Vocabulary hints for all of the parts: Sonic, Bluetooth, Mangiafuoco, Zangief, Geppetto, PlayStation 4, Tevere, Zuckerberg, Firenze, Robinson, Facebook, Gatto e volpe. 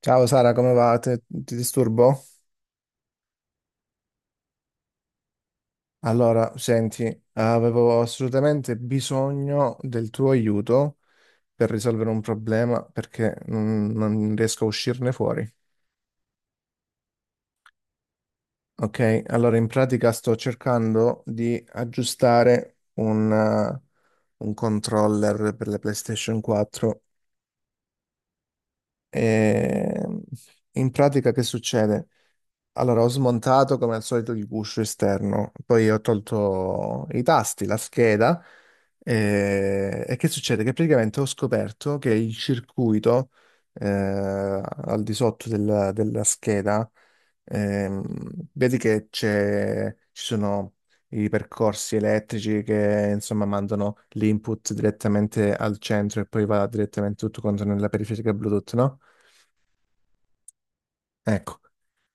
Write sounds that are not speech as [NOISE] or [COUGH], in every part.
Ciao Sara, come va? Ti disturbo? Allora, senti, avevo assolutamente bisogno del tuo aiuto per risolvere un problema perché non riesco a uscirne fuori. Ok, allora in pratica sto cercando di aggiustare un controller per la PlayStation 4. E in pratica che succede? Allora, ho smontato come al solito il guscio esterno, poi ho tolto i tasti, la scheda e che succede? Che praticamente ho scoperto che il circuito al di sotto della scheda, ehm, vedi che ci sono i percorsi elettrici che insomma mandano l'input direttamente al centro e poi va direttamente tutto quanto nella periferica Bluetooth, no? Ecco.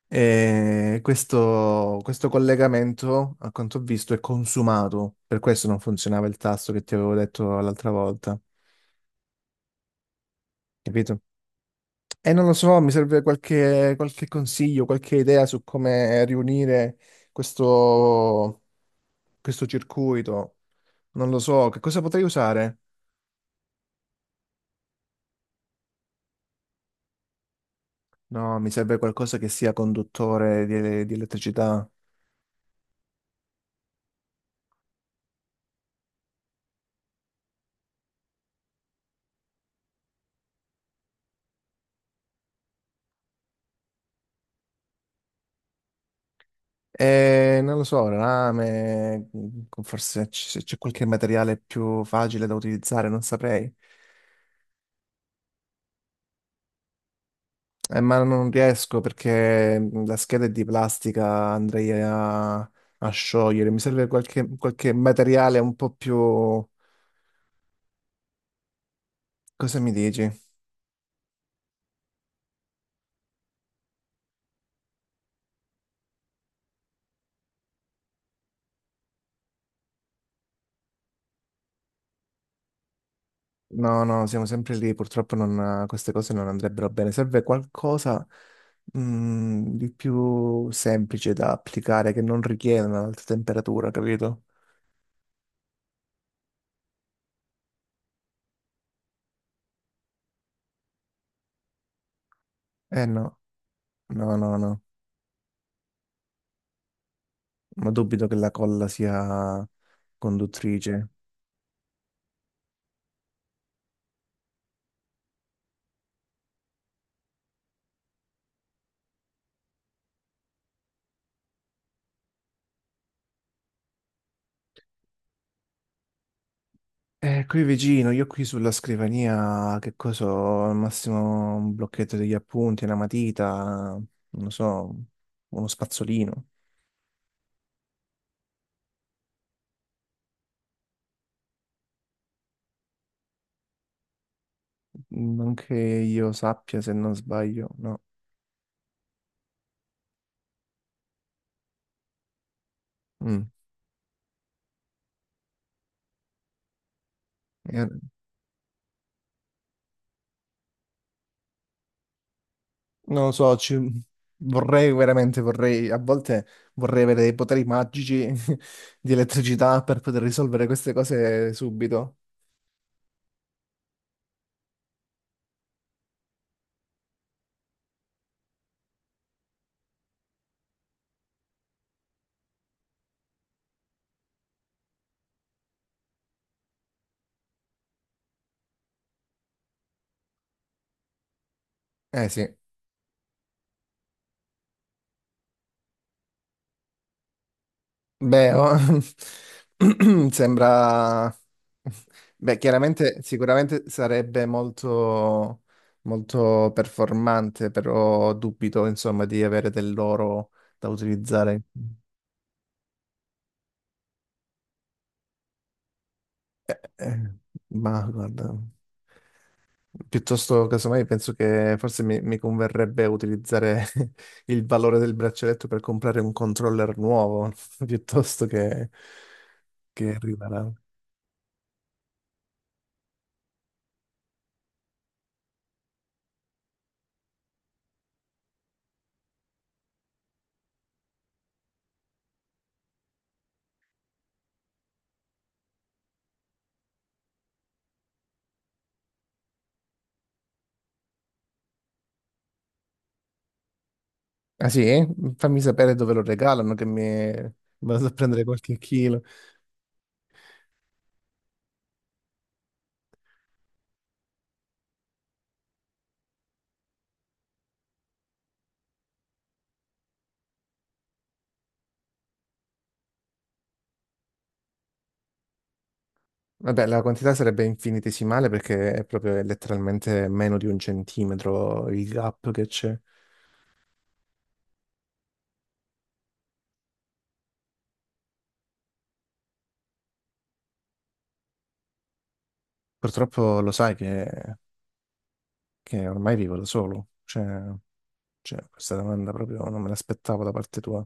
E questo collegamento, a quanto ho visto, è consumato. Per questo non funzionava il tasto che ti avevo detto l'altra volta. Capito? E non lo so, mi serve qualche consiglio, qualche idea su come riunire questo, questo circuito. Non lo so, che cosa potrei usare? No, mi serve qualcosa che sia conduttore di elettricità. Non lo so, rame, se c'è qualche materiale più facile da utilizzare, non saprei. Ma non riesco perché la scheda è di plastica, andrei a sciogliere. Mi serve qualche materiale un po' più... Cosa mi dici? No, no, siamo sempre lì, purtroppo queste cose non andrebbero bene. Serve qualcosa, di più semplice da applicare, che non richieda un'alta temperatura, capito? Eh no. No, no, no, ma dubito che la colla sia conduttrice. Qui vicino, io qui sulla scrivania, che cosa ho? Al massimo un blocchetto degli appunti, una matita, non lo so, uno spazzolino. Non che io sappia, se non sbaglio, no. Mm. Eh, non lo so, vorrei veramente, vorrei, a volte vorrei avere dei poteri magici [LAUGHS] di elettricità per poter risolvere queste cose subito. Eh sì. Beh, oh, [CLEARS THROAT] sembra... Beh, chiaramente, sicuramente sarebbe molto performante, però dubito, insomma, di avere dell'oro da utilizzare. Eh, ma guarda, piuttosto, casomai, penso che forse mi converrebbe utilizzare [LAUGHS] il valore del braccialetto per comprare un controller nuovo, [LAUGHS] piuttosto che arriverà. Ah sì? Fammi sapere dove lo regalano che mi vado a prendere qualche chilo. Vabbè, la quantità sarebbe infinitesimale perché è proprio letteralmente meno di un centimetro il gap che c'è. Purtroppo lo sai che ormai vivo da solo. Cioè, cioè, questa domanda proprio non me l'aspettavo da parte tua.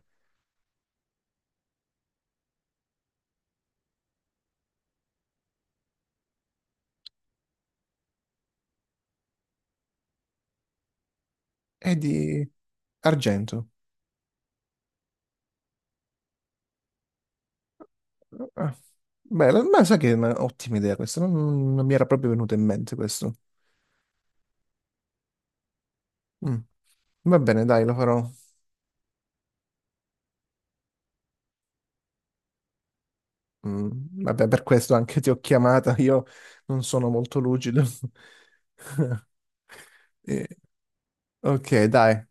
È di argento. Ah, Bella, ma sai che è un'ottima idea questa, non mi era proprio venuta in mente questo. Mm. Va bene, dai, lo farò. Mm, vabbè, per questo anche ti ho chiamata, io non sono molto lucido. [LAUGHS] Eh, ok, dai,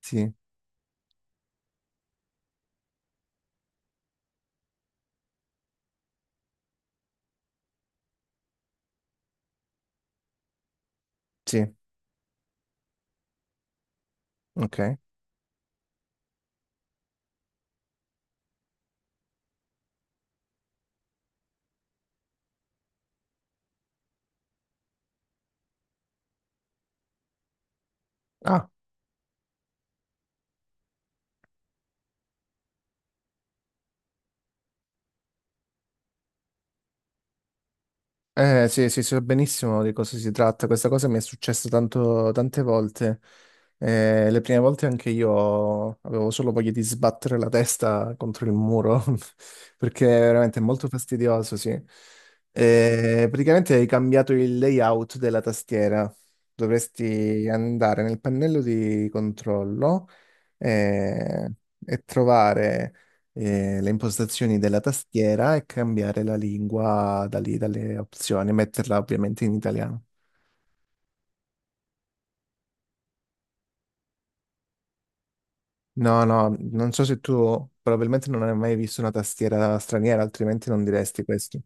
sì, sì, ok. Ah. Eh sì, sì, so benissimo di cosa si tratta. Questa cosa mi è successa tante volte. Le prime volte anche io avevo solo voglia di sbattere la testa contro il muro, [LAUGHS] perché è veramente molto fastidioso, sì. Praticamente hai cambiato il layout della tastiera. Dovresti andare nel pannello di controllo eh, e trovare le impostazioni della tastiera e cambiare la lingua da lì, dalle opzioni, metterla ovviamente in italiano. No, no, non so se tu probabilmente non hai mai visto una tastiera straniera, altrimenti non diresti questo.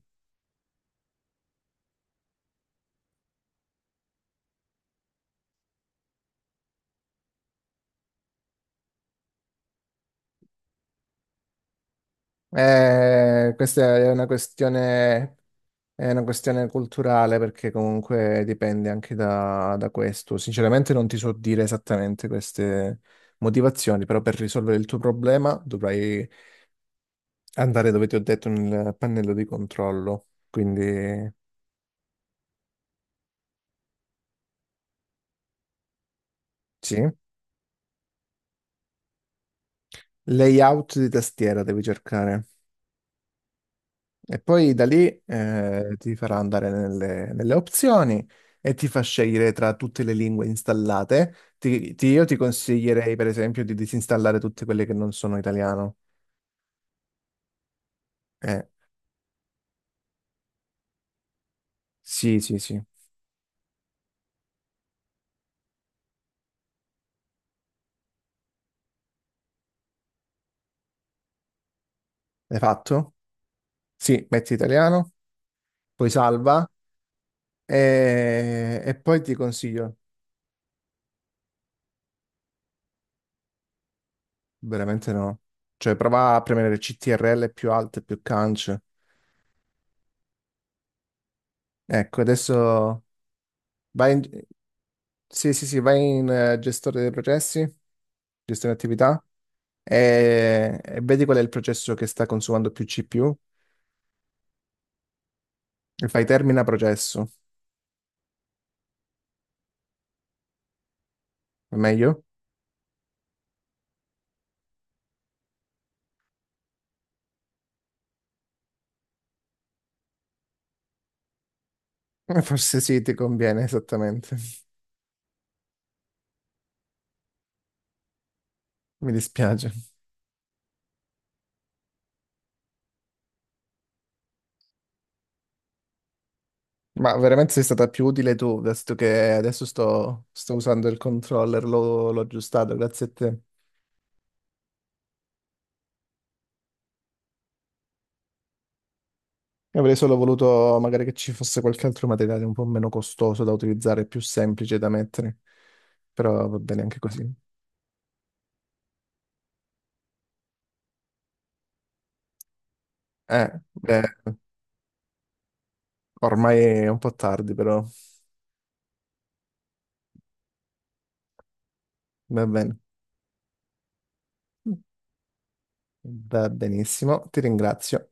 Questa è una è una questione culturale perché comunque dipende anche da questo. Sinceramente non ti so dire esattamente queste motivazioni, però per risolvere il tuo problema dovrai andare dove ti ho detto nel pannello di controllo, quindi sì. Layout di tastiera devi cercare e poi da lì ti farà andare nelle opzioni e ti fa scegliere tra tutte le lingue installate. Io ti consiglierei per esempio di disinstallare tutte quelle che non sono italiano. Eh, sì, sì, sì. L'hai fatto? Sì, metti italiano, poi salva e poi ti consiglio. Veramente no. Cioè, prova a premere CTRL più alte, più cance. Ecco, adesso vai in... Sì, sì, sì, vai in gestore dei processi, gestione attività, e vedi qual è il processo che sta consumando più CPU e fai termina processo. È meglio? [LAUGHS] Forse sì, ti conviene, esattamente. [LAUGHS] Mi dispiace. Ma veramente sei stata più utile tu, visto che adesso sto usando il controller, l'ho aggiustato, grazie a te. Io avrei solo voluto magari che ci fosse qualche altro materiale un po' meno costoso da utilizzare, più semplice da mettere, però va bene anche così. Beh, ormai è un po' tardi, però va bene. Va benissimo, ti ringrazio.